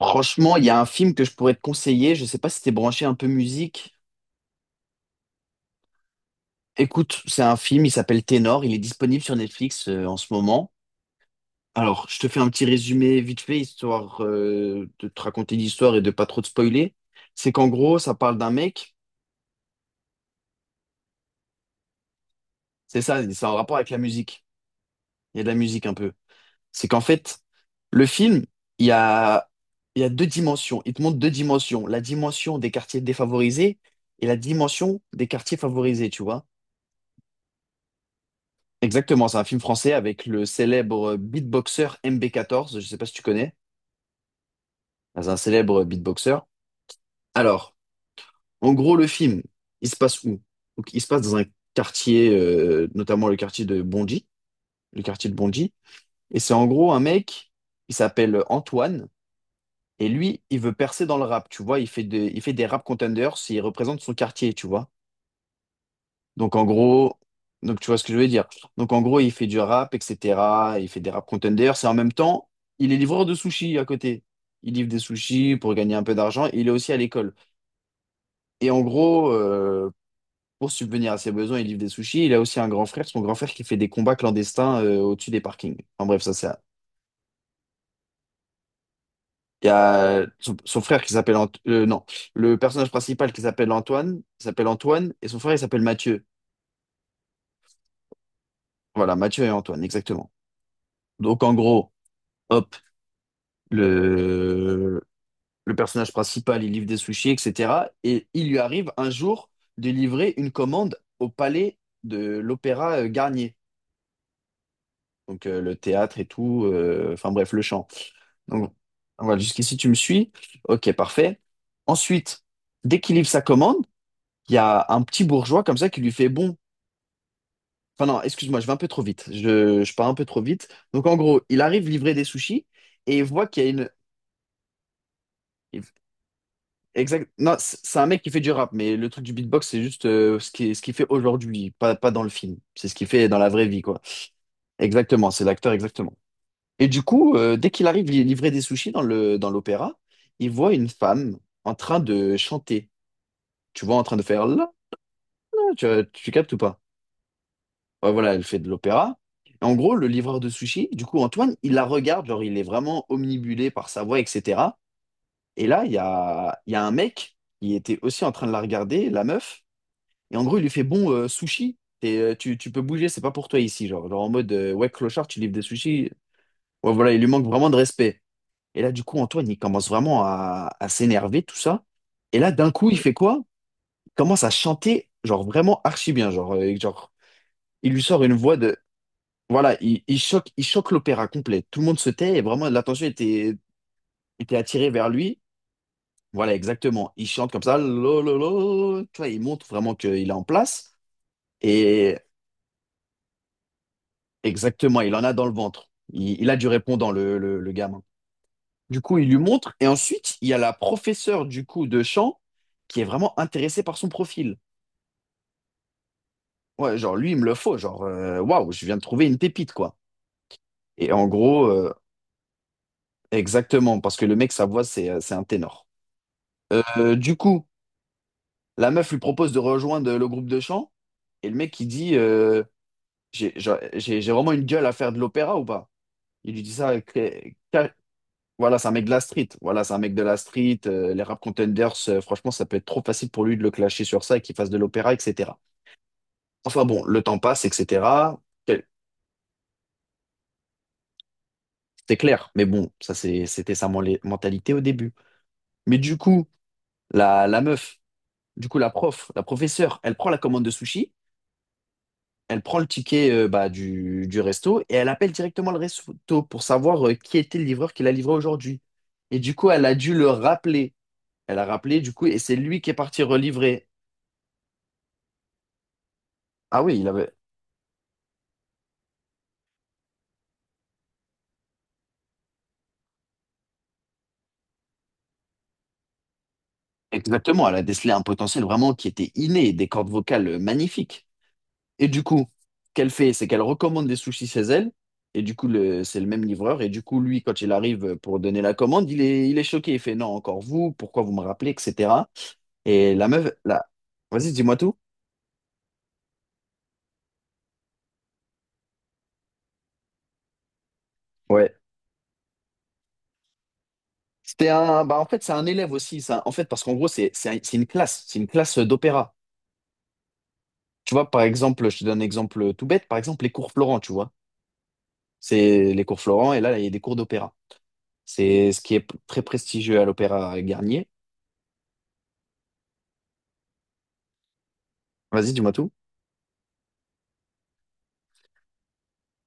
Franchement, il y a un film que je pourrais te conseiller. Je sais pas si t'es branché un peu musique. Écoute, c'est un film, il s'appelle Ténor. Il est disponible sur Netflix en ce moment. Alors, je te fais un petit résumé vite fait, histoire de te raconter l'histoire et de pas trop te spoiler. C'est qu'en gros, ça parle d'un mec, c'est ça, c'est en rapport avec la musique. Il y a de la musique un peu. C'est qu'en fait, le film, il y a, il y a deux dimensions. Il te montre deux dimensions. La dimension des quartiers défavorisés et la dimension des quartiers favorisés, tu vois. Exactement, c'est un film français avec le célèbre beatboxer MB14, je sais pas si tu connais, c'est un célèbre beatboxer. Alors, en gros, le film, il se passe où? Donc, il se passe dans un quartier, notamment le quartier de Bondy, le quartier de Bondy. Et c'est en gros un mec, il s'appelle Antoine, et lui, il veut percer dans le rap, tu vois. Il fait des rap contenders, et il représente son quartier, tu vois. Donc en gros, donc tu vois ce que je veux dire. Donc en gros, il fait du rap, etc. Il fait des rap contenders, et en même temps, il est livreur de sushis à côté. Il livre des sushis pour gagner un peu d'argent. Et il est aussi à l'école. Et en gros, pour subvenir à ses besoins, il livre des sushis. Il a aussi un grand frère, son grand frère qui fait des combats clandestins au-dessus des parkings. En bref, ça c'est. Il y a son, son frère qui s'appelle non, le personnage principal qui s'appelle Antoine, il s'appelle Antoine et son frère il s'appelle Mathieu. Voilà, Mathieu et Antoine, exactement. Donc en gros, hop, le le personnage principal, il livre des sushis, etc. Et il lui arrive un jour de livrer une commande au palais de l'Opéra Garnier. Donc le théâtre et tout, enfin bref, le chant. Donc, voilà, jusqu'ici, tu me suis. Ok, parfait. Ensuite, dès qu'il livre sa commande, il y a un petit bourgeois comme ça qui lui fait bon. Enfin, non, excuse-moi, je vais un peu trop vite. Je pars un peu trop vite. Donc, en gros, il arrive livrer des sushis et il voit qu'il y a une. Exact. Non, c'est un mec qui fait du rap, mais le truc du beatbox, c'est juste ce qu'il fait aujourd'hui, pas dans le film. C'est ce qu'il fait dans la vraie vie, quoi. Exactement, c'est l'acteur, exactement. Et du coup, dès qu'il arrive livrer des sushis dans l'opéra, il voit une femme en train de chanter. Tu vois en train de faire là, là tu, tu captes ou pas? Ouais, voilà, elle fait de l'opéra. Et en gros, le livreur de sushi, du coup, Antoine, il la regarde, genre, il est vraiment omnibulé par sa voix, etc. Et là, il y a un mec qui était aussi en train de la regarder, la meuf. Et en gros, il lui fait, bon, sushi, tu peux bouger, c'est pas pour toi ici. Genre, genre en mode, ouais, clochard, tu livres des sushis. Ouais, voilà, il lui manque vraiment de respect. Et là, du coup, Antoine, il commence vraiment à s'énerver, tout ça. Et là, d'un coup, il fait quoi? Il commence à chanter, genre, vraiment archi bien. Genre, genre il lui sort une voix de... Voilà, il choque l'opéra complet. Tout le monde se tait et vraiment l'attention était, était attirée vers lui. Voilà, exactement. Il chante comme ça, lo, lo, lo. Tu vois, il montre vraiment qu'il est en place. Et exactement, il en a dans le ventre. Il a du répondant, le gamin. Du coup, il lui montre. Et ensuite, il y a la professeure du coup de chant qui est vraiment intéressée par son profil. Ouais, genre, lui, il me le faut. Genre, waouh, je viens de trouver une pépite, quoi. Et en gros, exactement, parce que le mec, sa voix, c'est un ténor. Du coup, la meuf lui propose de rejoindre le groupe de chant et le mec il dit j'ai vraiment une gueule à faire de l'opéra ou pas? Il lui dit ça. Que- Voilà, c'est un mec de la street. Voilà, c'est un mec de la street. Les rap contenders, franchement, ça peut être trop facile pour lui de le clasher sur ça et qu'il fasse de l'opéra, etc. Enfin bon, le temps passe, etc. C'était clair, mais bon, ça c'était sa mentalité au début. Mais du coup, la meuf, du coup la prof, la professeure, elle prend la commande de sushi. Elle prend le ticket bah, du resto et elle appelle directement le resto pour savoir qui était le livreur qui l'a livré aujourd'hui. Et du coup, elle a dû le rappeler. Elle a rappelé, du coup, et c'est lui qui est parti relivrer. Ah oui, il avait... Exactement, elle a décelé un potentiel vraiment qui était inné, des cordes vocales magnifiques. Et du coup, ce qu'elle fait, c'est qu'elle recommande des sushis chez elle. Et du coup, c'est le même livreur. Et du coup, lui, quand il arrive pour donner la commande, il est choqué. Il fait, non, encore vous, pourquoi vous me rappelez, etc. Et la meuf, là, vas-y, dis-moi tout. Ouais. C'était un, bah en fait, c'est un élève aussi, ça. En fait, parce qu'en gros, c'est une classe d'opéra. Tu vois, par exemple, je te donne un exemple tout bête, par exemple, les cours Florent, tu vois. C'est les cours Florent, et là, il y a des cours d'opéra. C'est ce qui est très prestigieux à l'opéra Garnier. Vas-y, dis-moi tout.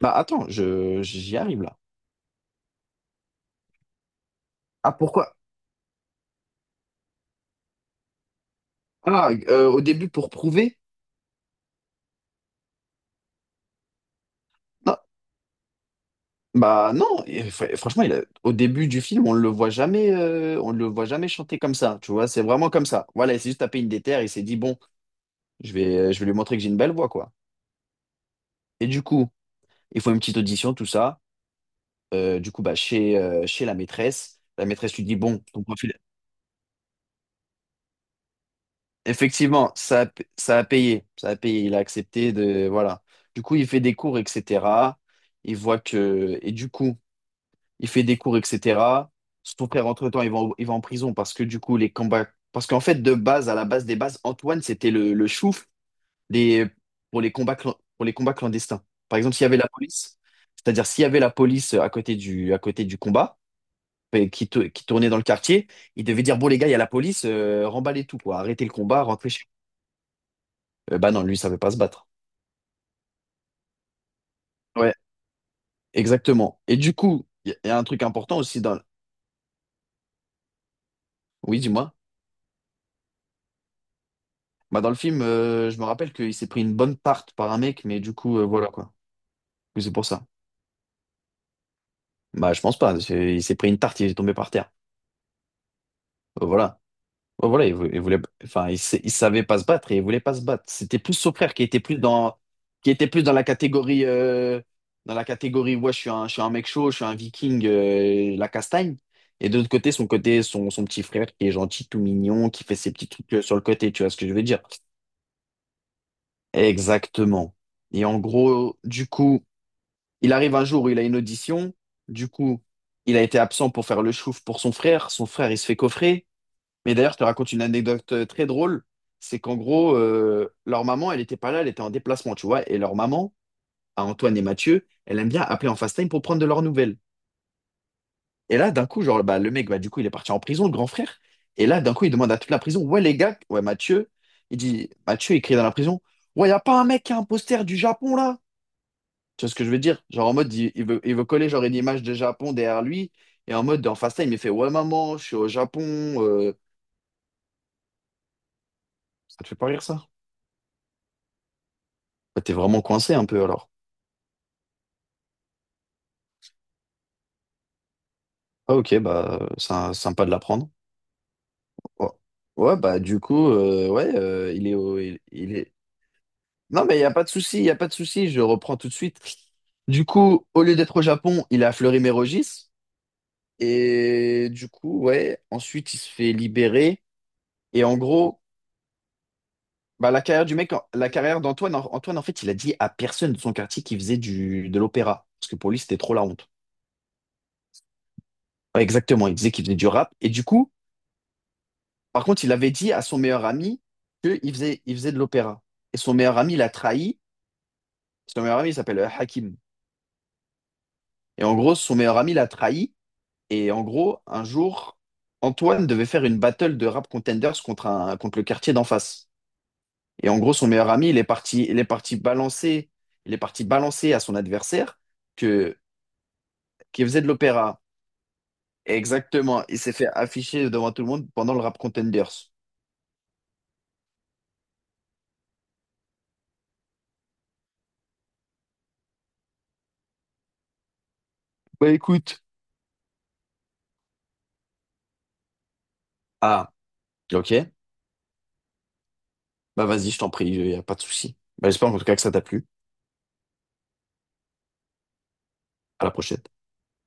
Bah, attends, j'y arrive là. Ah, pourquoi? Au début, pour prouver? Non, bah, non, et franchement, au début du film, on ne le voit jamais, on le voit jamais chanter comme ça, tu vois. C'est vraiment comme ça. Voilà, il s'est juste tapé une déterre, il s'est dit, bon. Je vais lui montrer que j'ai une belle voix, quoi. Et du coup, ils font une petite audition, tout ça. Du coup, bah, chez la maîtresse lui dit, bon, ton profil, effectivement, ça a payé. Ça a payé, il a accepté de... Voilà. Du coup, il fait des cours, etc. Il voit que... Et du coup, il fait des cours, etc. Son frère, entre-temps, il va en prison parce que du coup, les combats... Parce qu'en fait, de base, à la base des bases, Antoine, c'était le chouf les, pour les combats, pour les combats clandestins. Par exemple, s'il y avait la police, c'est-à-dire s'il y avait la police à côté à côté du combat, qui tournait dans le quartier, il devait dire, bon les gars, il y a la police, remballez tout, quoi, arrêtez le combat, rentrez chez vous. Bah non, lui, il savait pas se battre. Ouais, exactement. Et du coup, il y, a y a un truc important aussi dans... Oui, dis-moi. Bah, dans le film, je me rappelle qu'il s'est pris une bonne tarte par un mec, mais du coup, voilà quoi. Oui, c'est pour ça. Bah, je pense pas. Il s'est pris une tarte, il est tombé par terre. Voilà. Ouais, voilà, il voulait, enfin, il savait pas se battre et il voulait pas se battre. C'était plus son frère qui était plus dans, qui était plus dans la catégorie, ouais, je suis un mec chaud, je suis un viking, la castagne. Et de l'autre côté, son côté, son petit frère qui est gentil, tout mignon, qui fait ses petits trucs sur le côté, tu vois ce que je veux dire? Exactement. Et en gros, du coup, il arrive un jour où il a une audition. Du coup, il a été absent pour faire le chouf pour son frère. Son frère, il se fait coffrer. Mais d'ailleurs, je te raconte une anecdote très drôle. C'est qu'en gros, leur maman, elle n'était pas là, elle était en déplacement, tu vois. Et leur maman, à Antoine et Mathieu, elle aime bien appeler en FaceTime pour prendre de leurs nouvelles. Et là, d'un coup, genre, bah, le mec, bah, du coup, il est parti en prison, le grand frère. Et là, d'un coup, il demande à toute la prison, ouais, les gars, ouais, Mathieu, il dit, Mathieu, il crie dans la prison, ouais, y a pas un mec qui a un poster du Japon, là? Tu vois ce que je veux dire? Genre, en mode, il veut coller, genre, une image de Japon derrière lui. Et en mode, en FaceTime, il fait, ouais, maman, je suis au Japon. euh. Ça te fait pas rire, ça? Bah, t'es vraiment coincé un peu alors. Ah ok, bah c'est sympa de l'apprendre. Ouais. Il est. Non mais il n'y a pas de souci, il n'y a pas de souci, je reprends tout de suite. Du coup, au lieu d'être au Japon, il est à Fleury-Mérogis. Et du coup, ouais, ensuite il se fait libérer. Et en gros, bah, la carrière du mec, la carrière d'Antoine, Antoine, en fait, il a dit à personne de son quartier qu'il faisait de l'opéra. Parce que pour lui, c'était trop la honte. Ouais, exactement, il disait qu'il faisait du rap. Et du coup. Par contre, il avait dit à son meilleur ami qu'il faisait, il faisait de l'opéra. Et son meilleur ami l'a trahi. Son meilleur ami il s'appelle Hakim. Et en gros, son meilleur ami l'a trahi. Et en gros, un jour, Antoine devait faire une battle de rap contenders contre, un, contre le quartier d'en face. Et en gros, son meilleur ami, il est parti, il est parti balancer à son adversaire que, qu'il faisait de l'opéra. Exactement. Il s'est fait afficher devant tout le monde pendant le rap contenders. Bah écoute. Ah, ok. Bah vas-y, je t'en prie, il n'y a pas de souci. Bah, j'espère en tout cas que ça t'a plu. À la prochaine.